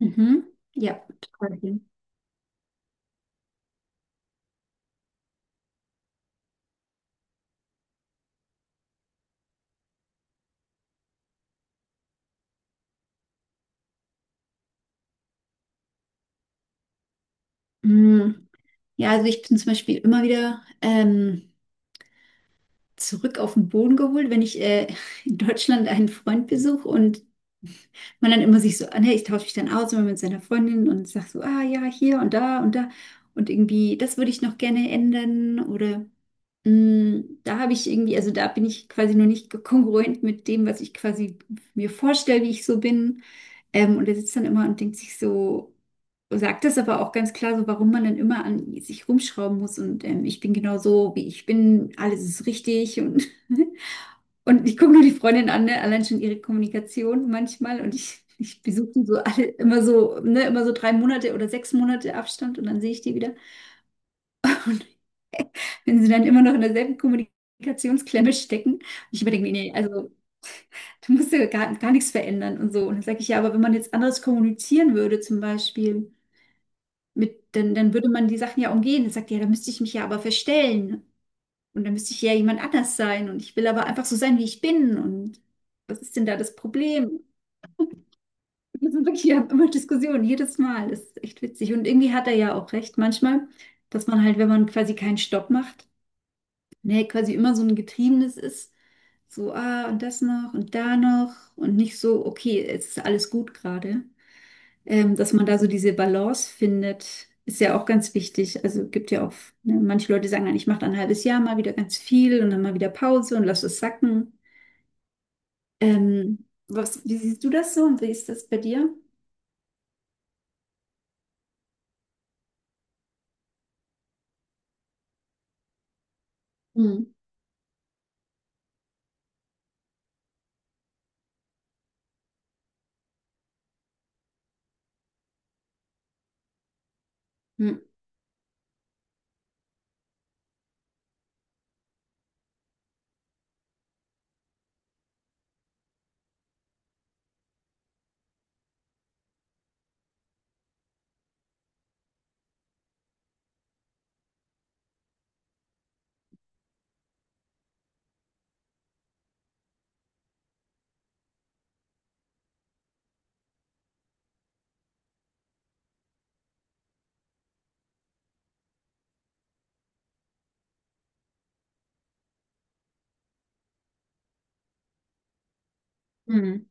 Mhm. Ja, total viel. Mm, ja, also ich bin zum Beispiel immer wieder zurück auf den Boden geholt, wenn ich in Deutschland einen Freund besuche und man dann immer sich so, ah, nee, ich tausche mich dann aus immer mit seiner Freundin und sag so, ah ja, hier und da und da und irgendwie, das würde ich noch gerne ändern oder mm, da habe ich irgendwie, also da bin ich quasi noch nicht kongruent mit dem, was ich quasi mir vorstelle, wie ich so bin. Und er sitzt dann immer und denkt sich so, so sagt das aber auch ganz klar, so warum man dann immer an sich rumschrauben muss und ich bin genau so, wie ich bin, alles ist richtig und, und ich gucke nur die Freundin an, ne? Allein schon ihre Kommunikation manchmal und ich besuche die so alle immer so, ne? Immer so drei Monate oder sechs Monate Abstand und dann sehe ich die wieder, wenn sie dann immer noch in derselben Kommunikationsklemme stecken. Und ich überdenke mir, nee, also du musst ja gar, gar nichts verändern und so. Und dann sage ich ja, aber wenn man jetzt anders kommunizieren würde zum Beispiel. Mit, dann würde man die Sachen ja umgehen. Dann sagt, ja, da müsste ich mich ja aber verstellen. Und dann müsste ich ja jemand anders sein. Und ich will aber einfach so sein, wie ich bin. Und was ist denn da das Problem? Wir sind wirklich, wir haben immer Diskussionen, jedes Mal. Das ist echt witzig. Und irgendwie hat er ja auch recht manchmal, dass man halt, wenn man quasi keinen Stopp macht, ne, quasi immer so ein Getriebenes ist. So, ah, und das noch und da noch. Und nicht so, okay, es ist alles gut gerade. Dass man da so diese Balance findet, ist ja auch ganz wichtig. Also gibt ja auch, ne, manche Leute sagen dann, ich mache dann ein halbes Jahr mal wieder ganz viel und dann mal wieder Pause und lass es sacken. Wie siehst du das so und wie ist das bei dir? Hm. Hm. Hm.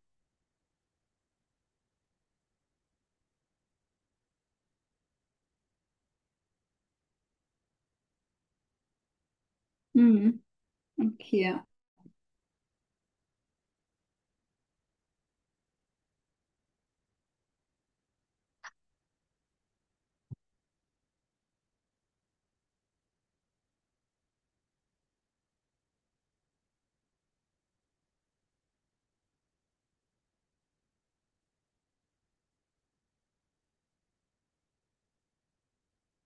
Hm. Okay. Ja.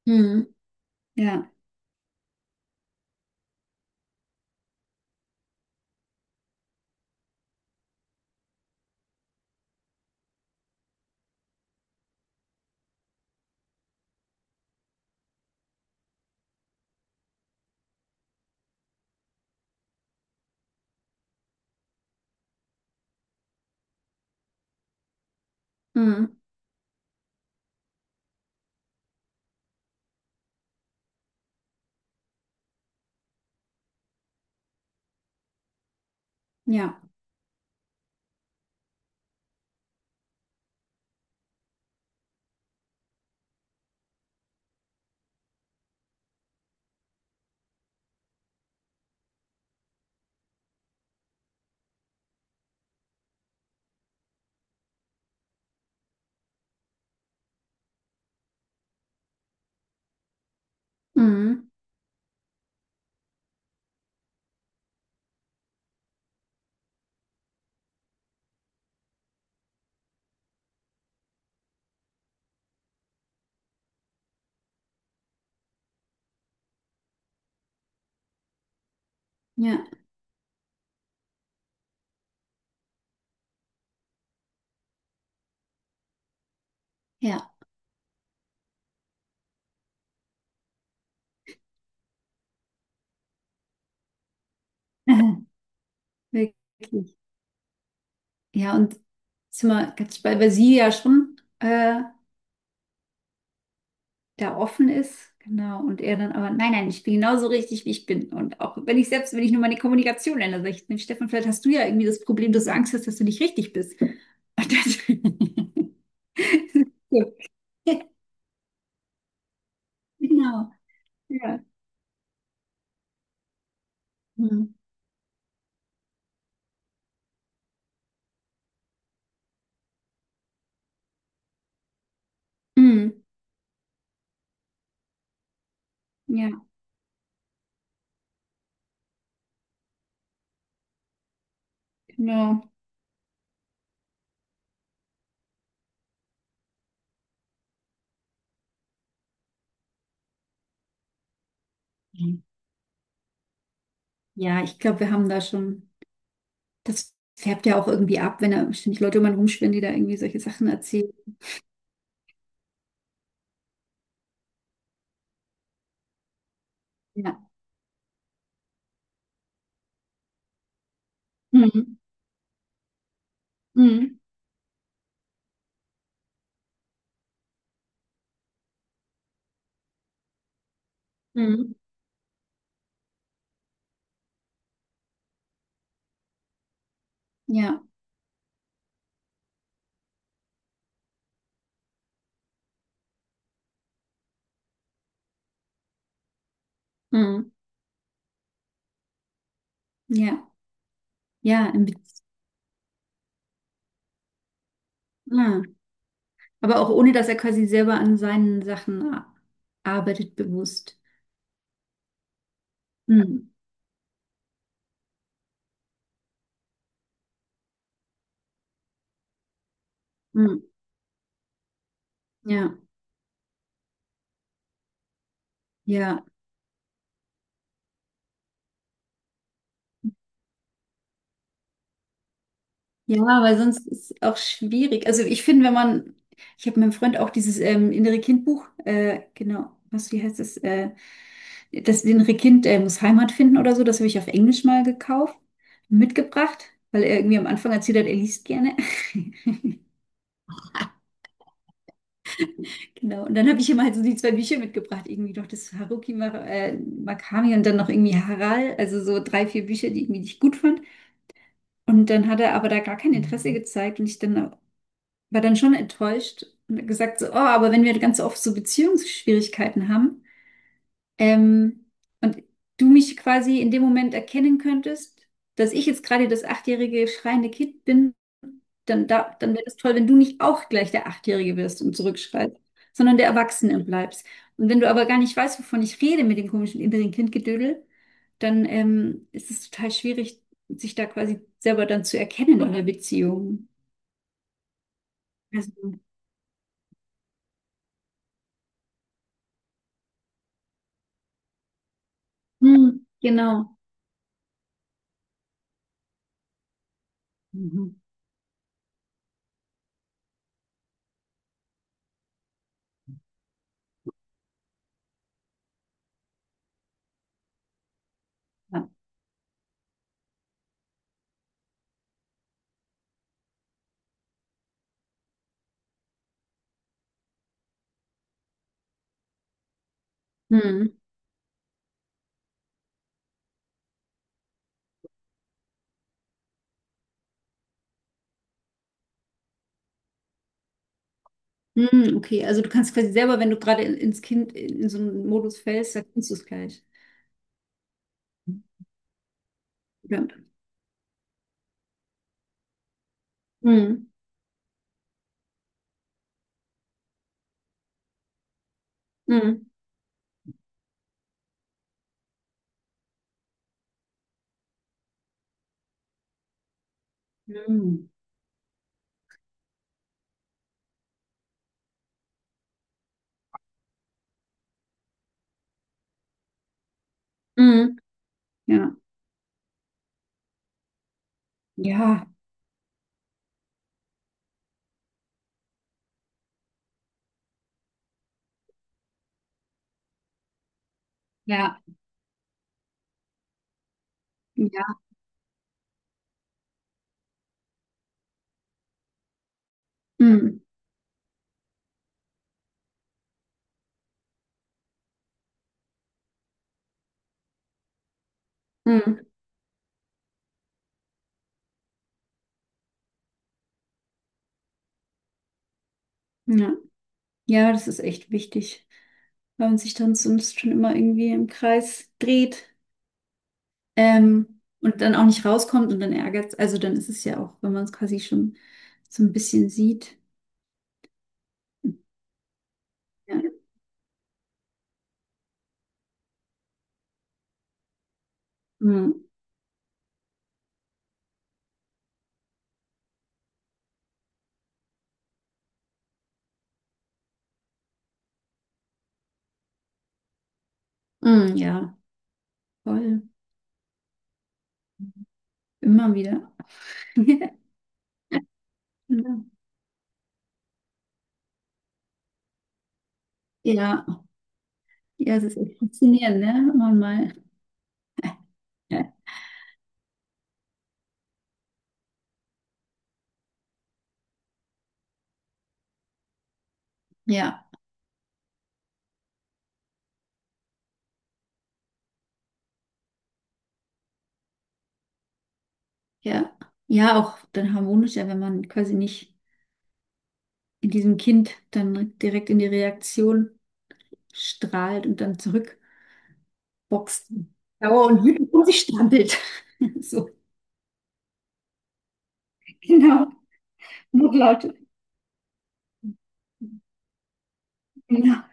Hm. Ja. Hm. Ja. Hm. Ja. Ja. Wirklich. Ja, und sind wir ganz bei, weil sie ja schon. Da offen ist, genau, und er dann aber, nein, nein, ich bin genauso richtig, wie ich bin. Und auch wenn ich selbst, wenn ich nur meine Kommunikation ändere, sage ich, Stefan, vielleicht hast du ja irgendwie das Problem, dass du Angst hast, dass du nicht richtig bist. Und das, so. Genau, ja. Mhm. Mhm. Ja, genau. Mhm. Ja, ich glaube, wir haben da schon, das färbt ja auch irgendwie ab, wenn da ständig Leute um einen rumschwirren, die da irgendwie solche Sachen erzählen. Ja. Mhm. Mhm. Mhm. Ja. Mhm. Ja. Ja, im Beziehung. Aber auch ohne, dass er quasi selber an seinen Sachen arbeitet, bewusst. Hm. Hm. Ja, ja, ja, weil sonst ist es auch schwierig. Also ich finde, wenn man, ich habe meinem Freund auch dieses innere Kindbuch, genau, was, wie heißt es, das innere Kind muss Heimat finden oder so, das habe ich auf Englisch mal gekauft, mitgebracht, weil er irgendwie am Anfang erzählt hat, er liest gerne. Genau. Und dann habe ich immer halt so die zwei Bücher mitgebracht, irgendwie noch das Haruki Mar Murakami und dann noch irgendwie Harald, also so drei, vier Bücher, die irgendwie nicht gut fand. Und dann hat er aber da gar kein Interesse gezeigt und ich dann war dann schon enttäuscht und gesagt so, oh, aber wenn wir ganz oft so Beziehungsschwierigkeiten haben, ähm, und du mich quasi in dem Moment erkennen könntest, dass ich jetzt gerade das achtjährige schreiende Kind bin, dann, da, dann wäre es toll, wenn du nicht auch gleich der Achtjährige wirst und zurückschreist, sondern der Erwachsene bleibst. Und wenn du aber gar nicht weißt, wovon ich rede mit dem komischen inneren Kindgedödel, dann ist es total schwierig, sich da quasi selber dann zu erkennen in der Beziehung. Also, hm, genau. Mhm. Ja. Hm. Hm, okay, also du kannst quasi selber, wenn du gerade in, ins Kind in so einen Modus fällst, dann kannst du es gleich. Ja. Hm, hm, hm, hm, ja, ja, ja, ja, hm, hm, ja. Ja, das ist echt wichtig, weil man sich dann sonst schon immer irgendwie im Kreis dreht, und dann auch nicht rauskommt und dann ärgert. Also dann ist es ja auch, wenn man es quasi schon so ein bisschen sieht. Ja, hm, hm, ja, voll, immer wieder. Genau. Ja. Ja, es ist echt faszinierend, ne? Wenn man mal. Ja, ja, ja. Ja, auch dann harmonischer, wenn man quasi nicht in diesem Kind dann direkt in die Reaktion strahlt und dann zurückboxt. Dauer und wütend um sich strampelt. So, genau. Notlaute. Genau.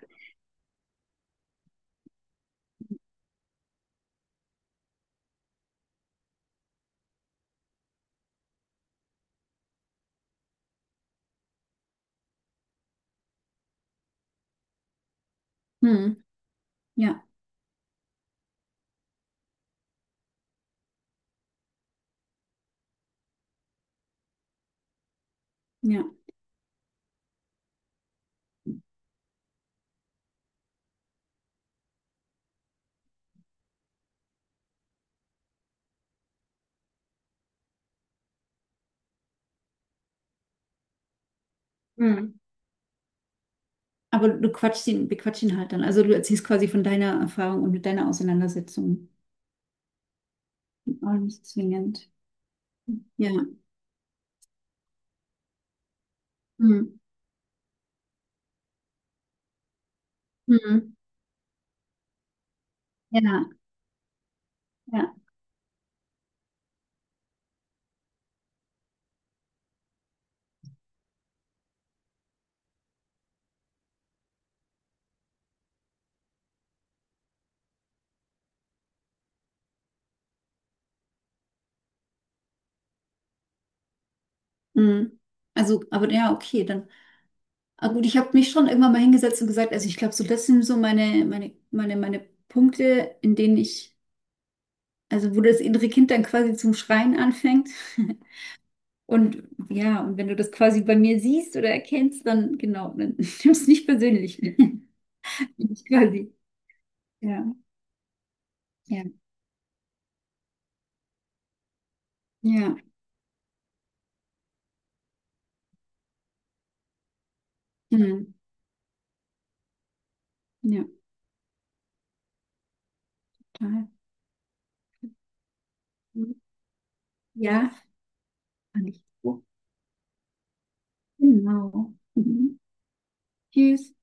Hm. Ja, ja. Hm. Aber du quatschst ihn, bequatschst ihn halt dann. Also du erzählst quasi von deiner Erfahrung und mit deiner Auseinandersetzung. Auch nicht zwingend. Ja. Hm. Hm. Ja, ja. Mhm. Also, aber ja, okay, dann. Ah, gut, ich habe mich schon irgendwann mal hingesetzt und gesagt, also ich glaube, so das sind so meine Punkte, in denen ich, also wo das innere Kind dann quasi zum Schreien anfängt. Und ja, und wenn du das quasi bei mir siehst oder erkennst, dann genau, dann nimmst du es nicht persönlich. Ich quasi. Ja, ja, ja, mhm. Ja, total. Ja, fand ich. Genau. Mhm. Tschüss.